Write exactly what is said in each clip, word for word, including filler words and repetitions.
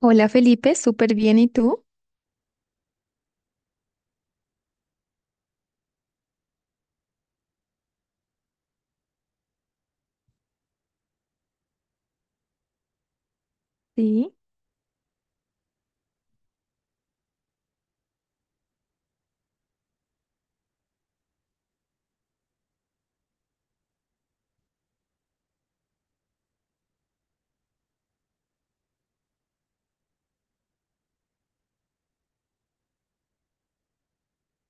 Hola Felipe, súper bien, ¿y tú? Sí.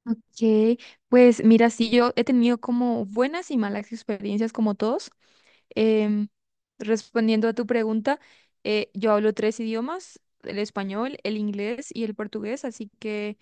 Ok, pues mira, sí, yo he tenido como buenas y malas experiencias como todos. Em, Respondiendo a tu pregunta, eh, yo hablo tres idiomas, el español, el inglés y el portugués, así que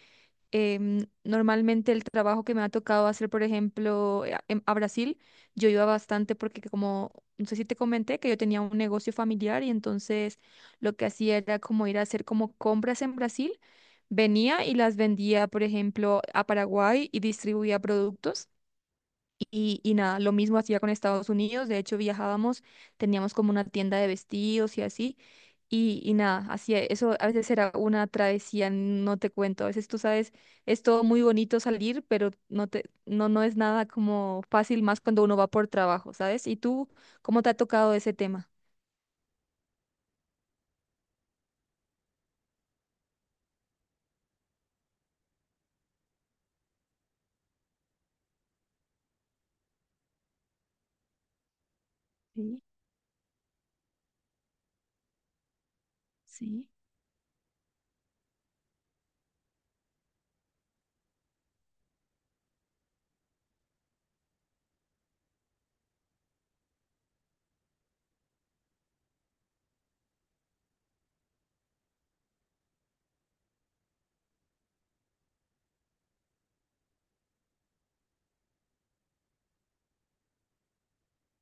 em, normalmente el trabajo que me ha tocado hacer, por ejemplo, a em- a Brasil, yo iba bastante porque que como, no sé si te comenté que yo tenía un negocio familiar, y entonces lo que hacía era como ir a hacer como compras en Brasil, venía y las vendía, por ejemplo, a Paraguay, y distribuía productos. Y, y nada, lo mismo hacía con Estados Unidos, de hecho viajábamos, teníamos como una tienda de vestidos y así, y, y nada, hacía eso, a veces era una travesía, no te cuento, a veces tú sabes, es todo muy bonito salir, pero no te, no, no es nada como fácil, más cuando uno va por trabajo, ¿sabes? ¿Y tú cómo te ha tocado ese tema? Sí, sí.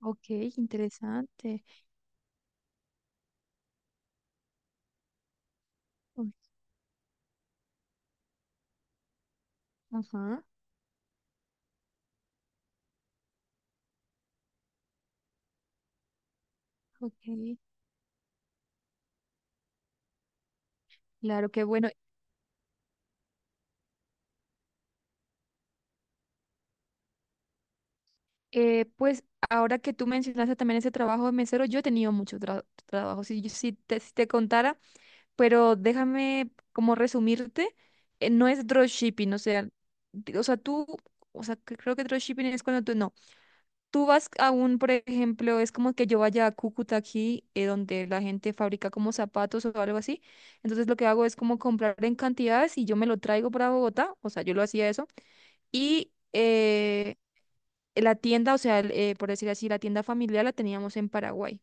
Ok, interesante. Uy, ajá, ok. Claro, qué bueno. Eh, pues ahora que tú mencionaste también ese trabajo de mesero, yo he tenido muchos tra- trabajos, si, yo- si te, si te contara, pero déjame como resumirte, eh, no es dropshipping, o sea, di- o sea, tú, o sea, que creo que dropshipping es cuando tú, no, tú vas a un, por ejemplo, es como que yo vaya a Cúcuta aquí, eh, donde la gente fabrica como zapatos o algo así, entonces lo que hago es como comprar en cantidades y yo me lo traigo para Bogotá, o sea, yo lo hacía eso, y... eh, la tienda, o sea, el, eh, por decir así, la tienda familiar la teníamos en Paraguay.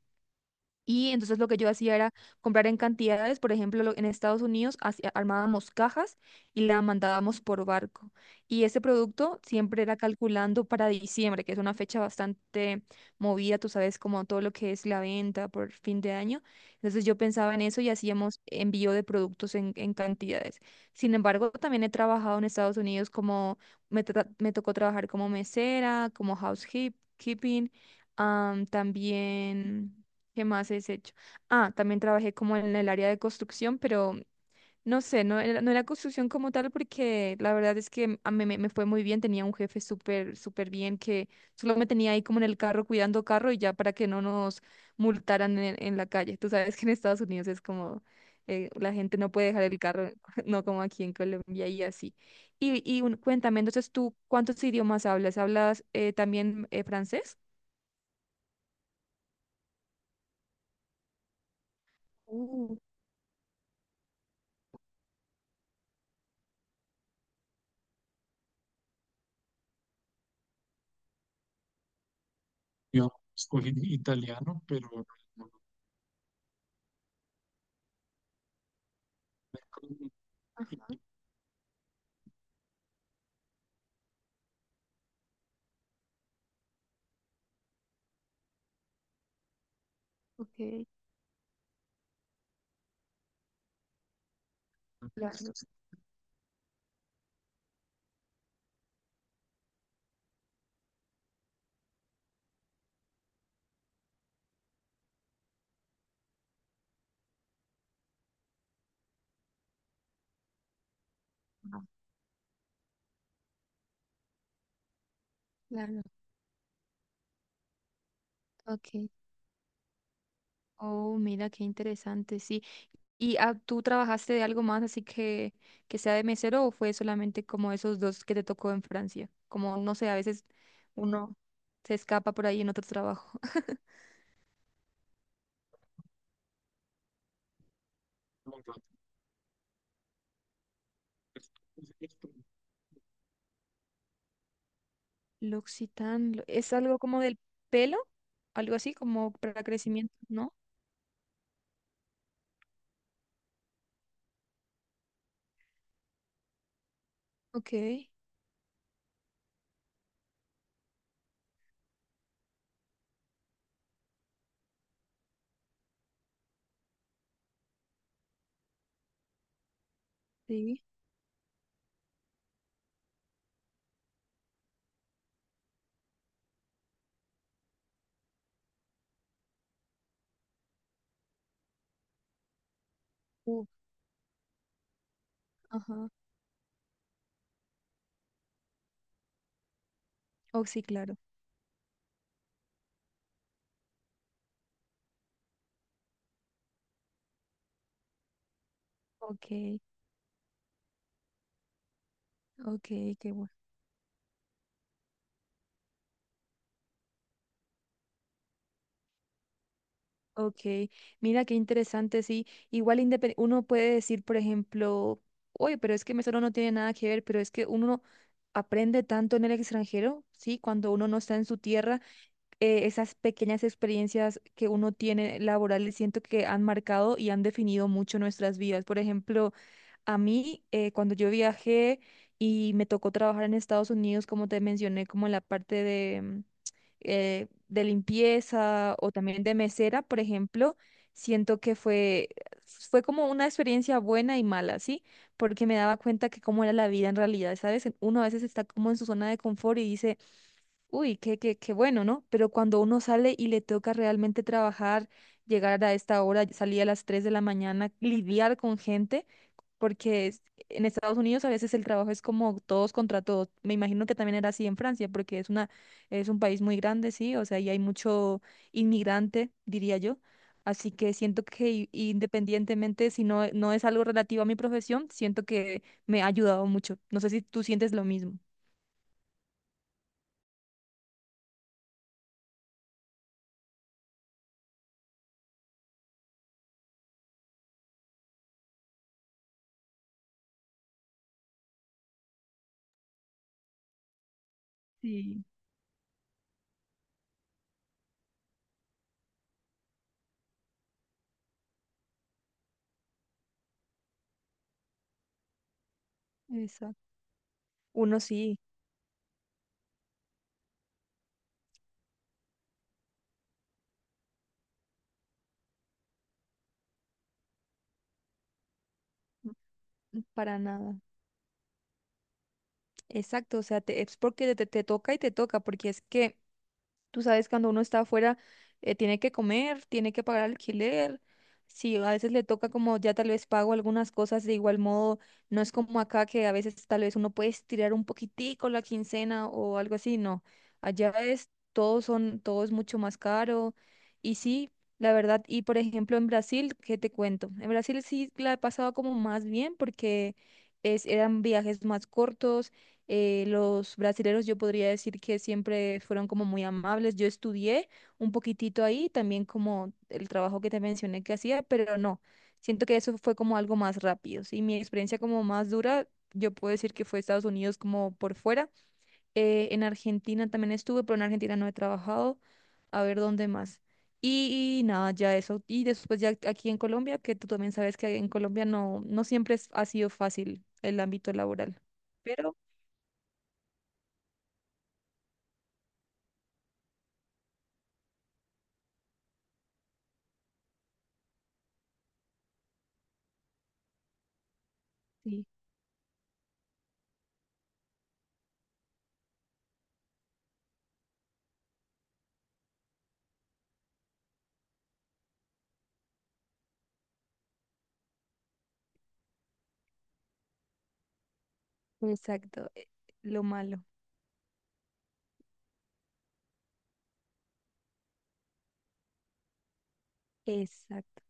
Y entonces lo que yo hacía era comprar en cantidades, por ejemplo, lo- en Estados Unidos hacía- armábamos cajas y la mandábamos por barco. Y ese producto siempre era calculando para diciembre, que es una fecha bastante movida, tú sabes, como todo lo que es la venta por fin de año. Entonces yo pensaba en eso y hacíamos envío de productos en, en cantidades. Sin embargo, también he trabajado en Estados Unidos como, me, tra- me tocó trabajar como mesera, como housekeeping, también... ¿Qué más has hecho? Ah, también trabajé como en el área de construcción, pero no sé, no era, no era construcción como tal porque la verdad es que a mí me, me fue muy bien, tenía un jefe súper, súper bien que solo me tenía ahí como en el carro cuidando carro y ya para que no nos multaran en, en la calle. Tú sabes que en Estados Unidos es como eh, la gente no puede dejar el carro, no como aquí en Colombia y así. Y, y un- cuéntame, entonces tú, ¿cuántos idiomas hablas? ¿Hablas eh, también eh, francés? Uh, ajá, ok. Claro. Claro, ok. Oh, mira, qué interesante, sí. ¿Y ah, tú trabajaste de algo más así que, que sea de mesero o fue solamente como esos dos que te tocó en Francia? Como, no sé, a veces uno se escapa por ahí en otro trabajo. L'Occitane, lo- ¿es algo como del pelo? Algo así, como para crecimiento, ¿no? Ok, sí. Uh, ajá. Oh, sí, claro. Ok, ok, qué bueno. Ok, mira qué interesante, sí. Igual independ- uno puede decir, por ejemplo, oye, pero es que Mesero no tiene nada que ver, pero es que uno aprende tanto en el extranjero, sí, cuando uno no está en su tierra, eh, esas pequeñas experiencias que uno tiene laborales siento que han marcado y han definido mucho nuestras vidas. Por ejemplo, a mí, eh, cuando yo viajé y me tocó trabajar en Estados Unidos, como te mencioné, como en la parte de, mm, eh, de limpieza o también de mesera, por ejemplo, siento que fue, fue como una experiencia buena y mala, ¿sí? Porque me daba cuenta que cómo era la vida en realidad, ¿sabes? Uno a veces está como en su zona de confort y dice, uy, qué, qué, qué bueno, ¿no? Pero cuando uno sale y le toca realmente trabajar, llegar a esta hora, salir a las tres de la mañana, lidiar con gente porque es- en Estados Unidos a veces el trabajo es como todos contra todos. Me imagino que también era así en Francia, porque es una, es un país muy grande, sí, o sea, y hay mucho inmigrante, diría yo. Así que siento que i- independientemente si no, no es algo relativo a mi profesión, siento que me ha ayudado mucho. No sé si tú sientes lo mismo. Sí, exacto. Uno sí, mm, para nada. Exacto, o sea, te- es porque te, te toca y te toca, porque es que tú sabes, cuando uno está afuera, eh, tiene que comer, tiene que pagar alquiler. Sí, a veces le toca como ya tal vez pago algunas cosas de igual modo. No es como acá que a veces tal vez uno puede estirar un poquitico la quincena o algo así. No, allá es todo son, todo es mucho más caro. Y sí, la verdad. Y por ejemplo en Brasil, ¿qué te cuento? En Brasil sí la he pasado como más bien porque es, eran viajes más cortos eh, los brasileros yo podría decir que siempre fueron como muy amables. Yo estudié un poquitito ahí, también como el trabajo que te mencioné que hacía, pero no, siento que eso fue como algo más rápido. Sí, mi experiencia como más dura, yo puedo decir que fue Estados Unidos como por fuera. Eh, en Argentina también estuve, pero en Argentina no he trabajado. A ver dónde más. Y, y nada, ya eso. Y después ya aquí en Colombia, que tú también sabes que en Colombia no, no siempre es- ha sido fácil el ámbito laboral. Pero sí. Exacto, eh, lo malo. Exacto.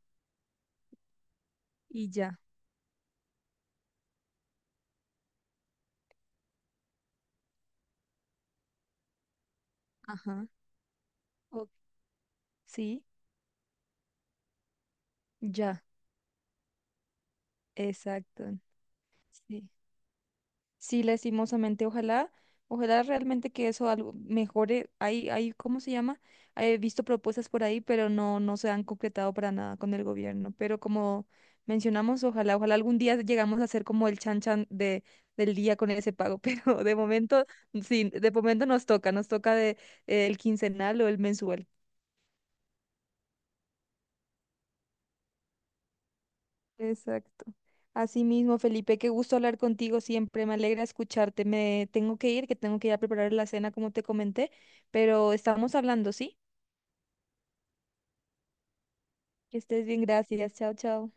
Y ya. Ajá. o- sí, ya. Exacto. Sí. Sí, lastimosamente, ojalá, ojalá realmente que eso algo mejore. Hay, hay, ¿cómo se llama? He visto propuestas por ahí, pero no, no se han concretado para nada con el gobierno. Pero como mencionamos, ojalá, ojalá algún día llegamos a ser como el chan chan de, del día con ese pago. Pero de momento, sí, de momento nos toca, nos toca de, eh, el quincenal o el mensual. Exacto. Asimismo, Felipe, qué gusto hablar contigo siempre. Me alegra escucharte. Me tengo que ir, que tengo que ir a preparar la cena, como te comenté, pero estamos hablando, ¿sí? Que estés bien, gracias. Chao, chao.